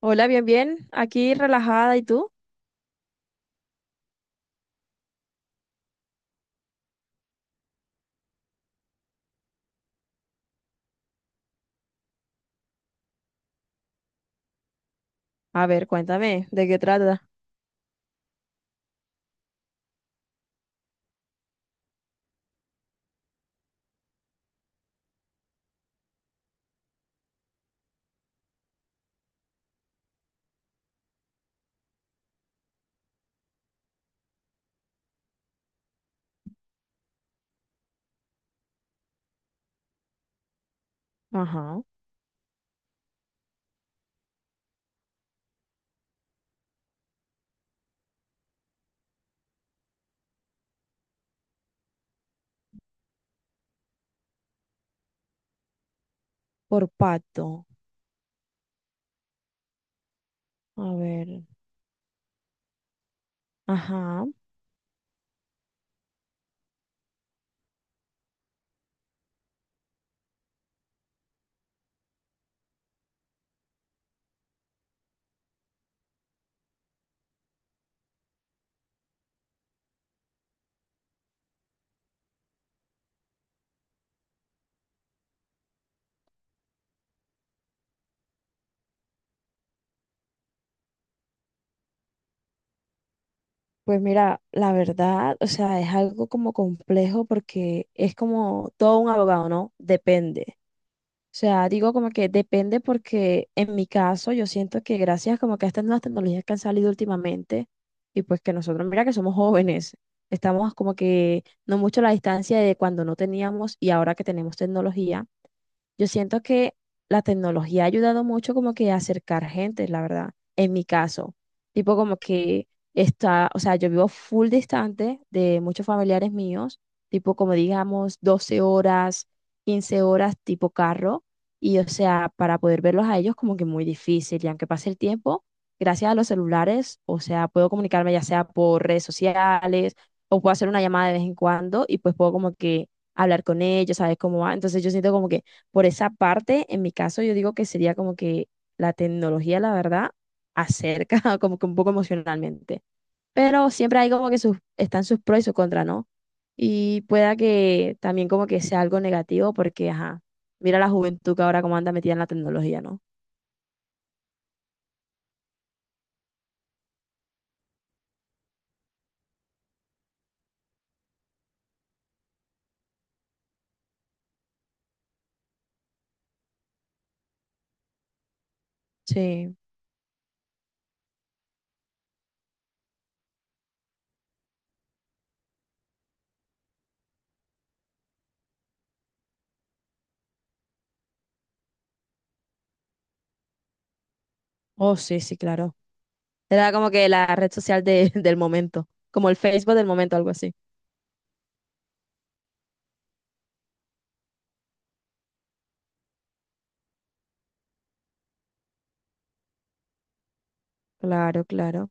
Hola, bien, bien. Aquí relajada. ¿Y tú? A ver, cuéntame, ¿de qué trata? Ajá. Por pato. A ver. Ajá. Pues mira, la verdad, o sea, es algo como complejo porque es como todo un abogado, ¿no? Depende. O sea, digo como que depende porque en mi caso yo siento que gracias como que a estas nuevas tecnologías que han salido últimamente y pues que nosotros, mira que somos jóvenes, estamos como que no mucho a la distancia de cuando no teníamos y ahora que tenemos tecnología. Yo siento que la tecnología ha ayudado mucho como que a acercar gente, la verdad, en mi caso. Tipo como que está, o sea, yo vivo full distante de muchos familiares míos, tipo como digamos 12 horas, 15 horas tipo carro, y o sea, para poder verlos a ellos como que muy difícil, y aunque pase el tiempo, gracias a los celulares, o sea, puedo comunicarme ya sea por redes sociales o puedo hacer una llamada de vez en cuando y pues puedo como que hablar con ellos, ¿sabes cómo va? Entonces yo siento como que por esa parte, en mi caso, yo digo que sería como que la tecnología, la verdad, acerca como que un poco emocionalmente. Pero siempre hay como que están sus pros y sus contras, ¿no? Y pueda que también como que sea algo negativo porque, ajá, mira la juventud que ahora como anda metida en la tecnología, ¿no? Sí. Oh, sí, sí, claro. Era como que la red social del momento, como el Facebook del momento, algo así. Claro, claro.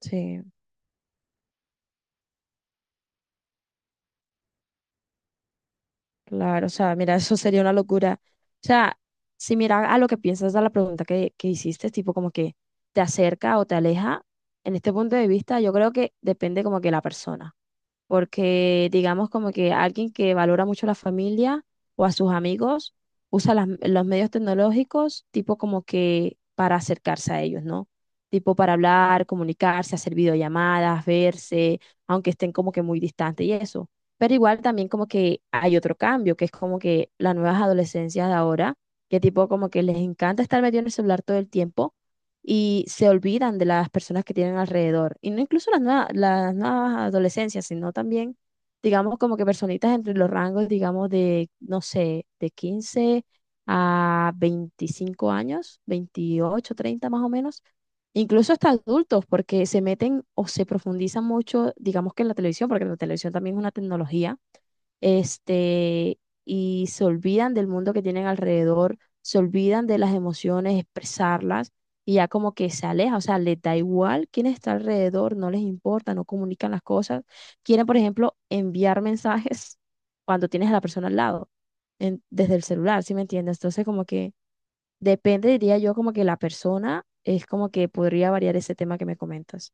Sí. Claro, o sea, mira, eso sería una locura. O sea, si mira a lo que piensas, a la pregunta que hiciste, tipo como que te acerca o te aleja, en este punto de vista, yo creo que depende como que la persona porque digamos como que alguien que valora mucho a la familia o a sus amigos usa los medios tecnológicos tipo como que para acercarse a ellos, ¿no? Tipo para hablar, comunicarse, hacer videollamadas, verse, aunque estén como que muy distantes y eso. Pero igual también como que hay otro cambio, que es como que las nuevas adolescencias de ahora, que tipo como que les encanta estar metido en el celular todo el tiempo y se olvidan de las personas que tienen alrededor. Y no incluso las nuevas adolescencias, sino también, digamos, como que personitas entre los rangos, digamos, de, no sé, de 15 a 25 años, 28, 30 más o menos. Incluso hasta adultos, porque se meten o se profundizan mucho, digamos que en la televisión, porque la televisión también es una tecnología, este, y se olvidan del mundo que tienen alrededor, se olvidan de las emociones, expresarlas, y ya como que se aleja, o sea, les da igual quién está alrededor, no les importa, no comunican las cosas. Quieren, por ejemplo, enviar mensajes cuando tienes a la persona al lado, desde el celular, ¿sí me entiendes? Entonces, como que depende, diría yo, como que la persona es como que podría variar ese tema que me comentas.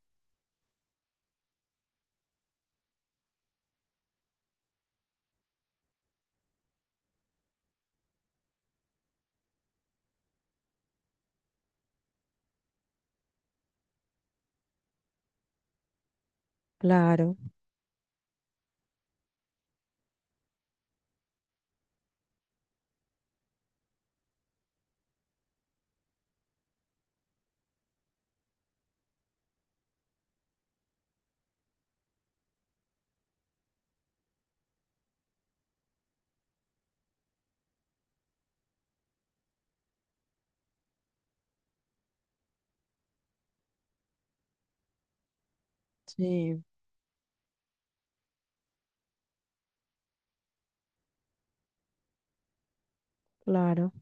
Claro, sí, claro,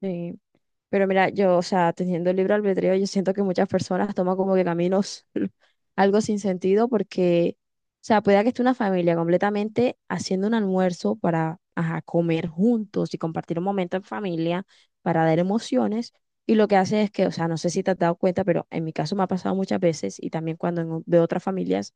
sí. Pero mira, yo, o sea, teniendo el libre albedrío, yo siento que muchas personas toman como que caminos algo sin sentido porque, o sea, puede que esté una familia completamente haciendo un almuerzo para, ajá, comer juntos y compartir un momento en familia para dar emociones. Y lo que hace es que, o sea, no sé si te has dado cuenta, pero en mi caso me ha pasado muchas veces y también cuando veo otras familias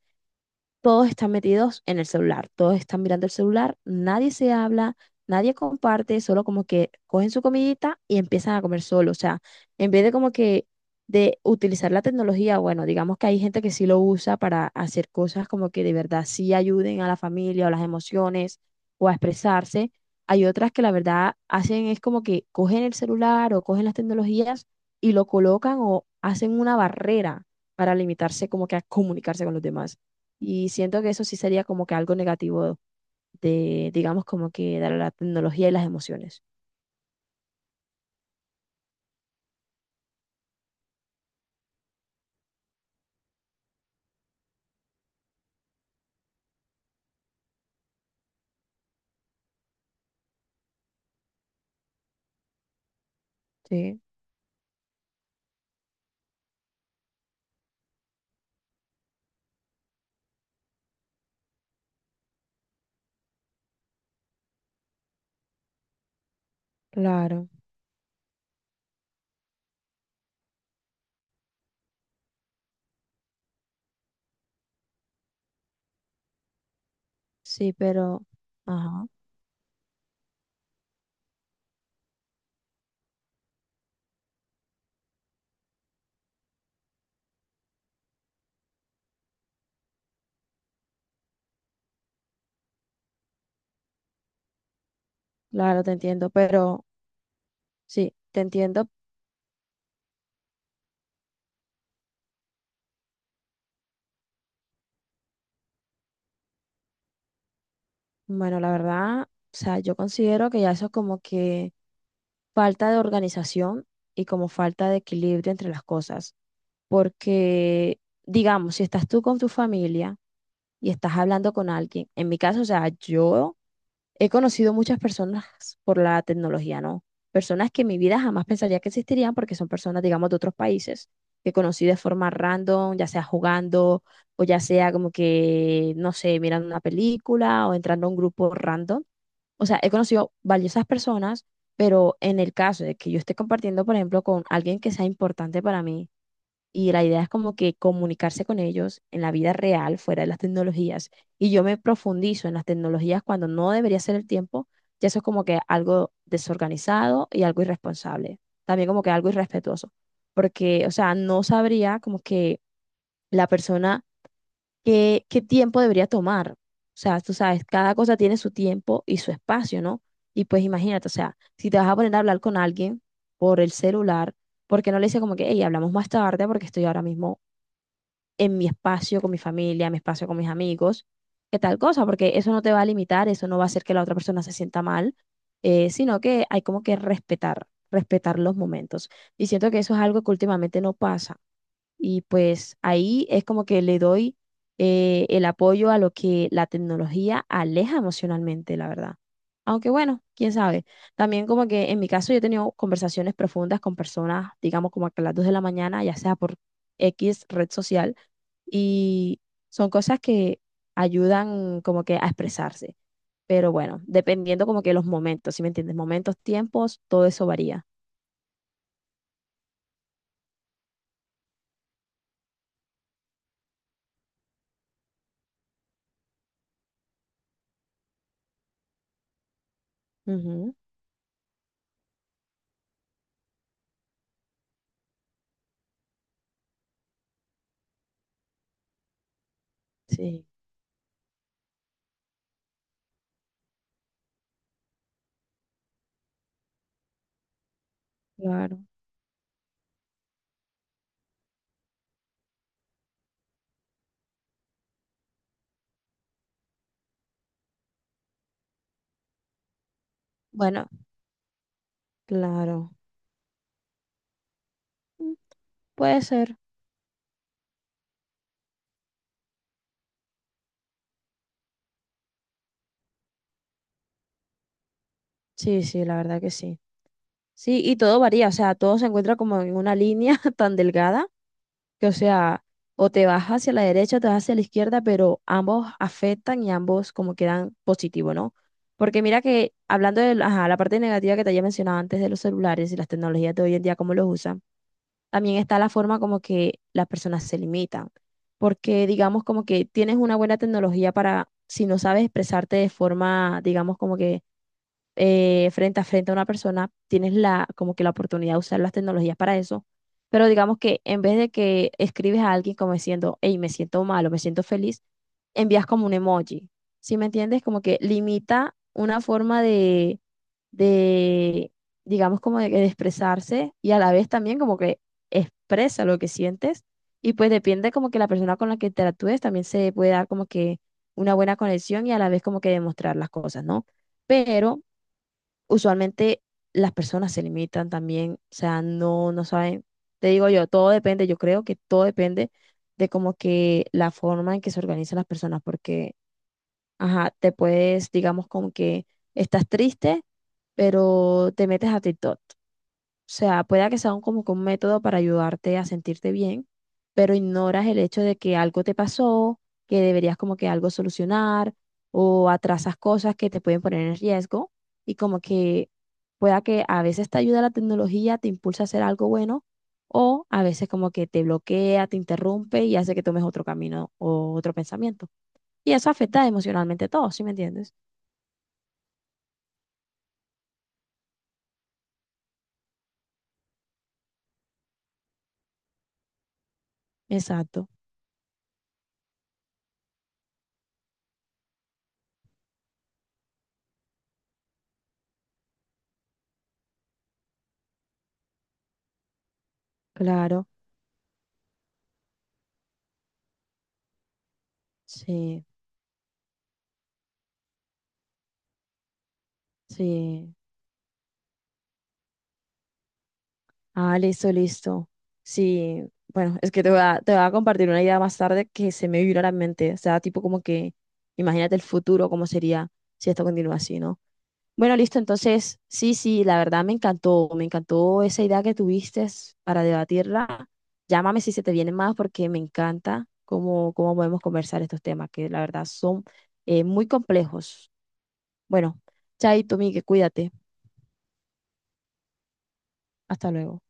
todos están metidos en el celular, todos están mirando el celular, nadie se habla, nadie comparte, solo como que cogen su comidita y empiezan a comer solo. O sea, en vez de como que de utilizar la tecnología, bueno, digamos que hay gente que sí lo usa para hacer cosas como que de verdad sí ayuden a la familia o las emociones o a expresarse. Hay otras que la verdad hacen es como que cogen el celular o cogen las tecnologías y lo colocan o hacen una barrera para limitarse como que a comunicarse con los demás. Y siento que eso sí sería como que algo negativo de, digamos, como que dar a la tecnología y las emociones. Sí, claro. Sí, pero, ajá, claro, te entiendo, pero sí, te entiendo. Bueno, la verdad, o sea, yo considero que ya eso es como que falta de organización y como falta de equilibrio entre las cosas, porque, digamos, si estás tú con tu familia y estás hablando con alguien, en mi caso, o sea, yo he conocido muchas personas por la tecnología, ¿no? Personas que en mi vida jamás pensaría que existirían porque son personas, digamos, de otros países que conocí de forma random, ya sea jugando o ya sea como que, no sé, mirando una película o entrando a un grupo random. O sea, he conocido valiosas personas, pero en el caso de que yo esté compartiendo, por ejemplo, con alguien que sea importante para mí, y la idea es como que comunicarse con ellos en la vida real, fuera de las tecnologías. Y yo me profundizo en las tecnologías cuando no debería ser el tiempo, ya eso es como que algo desorganizado y algo irresponsable, también como que algo irrespetuoso, porque, o sea, no sabría como que la persona qué tiempo debería tomar. O sea, tú sabes, cada cosa tiene su tiempo y su espacio, ¿no? Y pues imagínate, o sea, si te vas a poner a hablar con alguien por el celular, ¿por qué no le dices como que, hey, hablamos más tarde porque estoy ahora mismo en mi espacio con mi familia, en mi espacio con mis amigos, que tal cosa, porque eso no te va a limitar, eso no va a hacer que la otra persona se sienta mal, sino que hay como que respetar, respetar los momentos. Y siento que eso es algo que últimamente no pasa. Y pues ahí es como que le doy el apoyo a lo que la tecnología aleja emocionalmente, la verdad. Aunque bueno, quién sabe. También como que en mi caso yo he tenido conversaciones profundas con personas, digamos como a las 2 de la mañana, ya sea por X red social, y son cosas que ayudan como que a expresarse. Pero bueno, dependiendo como que los momentos, ¿si me entiendes? Momentos, tiempos, todo eso varía. Ujú, sí, claro. Bueno, claro. Mm, puede ser. Sí, sí, la verdad que sí. Sí, y todo varía, o sea, todo se encuentra como en una línea tan delgada, que, o sea, o te vas hacia la derecha o te vas hacia la izquierda, pero ambos afectan y ambos como quedan positivo, ¿no? Porque mira que hablando de ajá, la parte negativa que te había mencionado antes de los celulares y las tecnologías de hoy en día, cómo los usan, también está la forma como que las personas se limitan. Porque digamos como que tienes una buena tecnología para, si no sabes expresarte de forma, digamos como que frente a frente a una persona, tienes la, como que la oportunidad de usar las tecnologías para eso. Pero digamos que en vez de que escribes a alguien como diciendo, hey, me siento mal o me siento feliz, envías como un emoji. ¿Sí me entiendes? Como que limita una forma de digamos, como de expresarse y a la vez también como que expresa lo que sientes. Y pues depende como que la persona con la que interactúes también se puede dar como que una buena conexión y a la vez como que demostrar las cosas, ¿no? Pero usualmente las personas se limitan también, o sea, no, no saben, te digo yo, todo depende, yo creo que todo depende de como que la forma en que se organizan las personas, porque, ajá, te puedes, digamos, como que estás triste, pero te metes a TikTok, o sea, pueda que sea como que un método para ayudarte a sentirte bien, pero ignoras el hecho de que algo te pasó, que deberías como que algo solucionar o atrasas cosas que te pueden poner en riesgo y como que pueda que a veces te ayuda la tecnología, te impulsa a hacer algo bueno o a veces como que te bloquea, te interrumpe y hace que tomes otro camino o otro pensamiento. Y eso afecta emocionalmente a todos, ¿sí me entiendes? Exacto, claro, sí, sí. Ah, listo, listo. Sí, bueno, es que te voy a compartir una idea más tarde que se me vino a la mente. O sea, tipo como que, imagínate el futuro, cómo sería si esto continúa así, ¿no? Bueno, listo, entonces, sí, sí, la verdad me encantó esa idea que tuviste para debatirla. Llámame si se te viene más porque me encanta cómo podemos conversar estos temas, que la verdad son muy complejos. Bueno, chaito, Migue, cuídate. Hasta luego.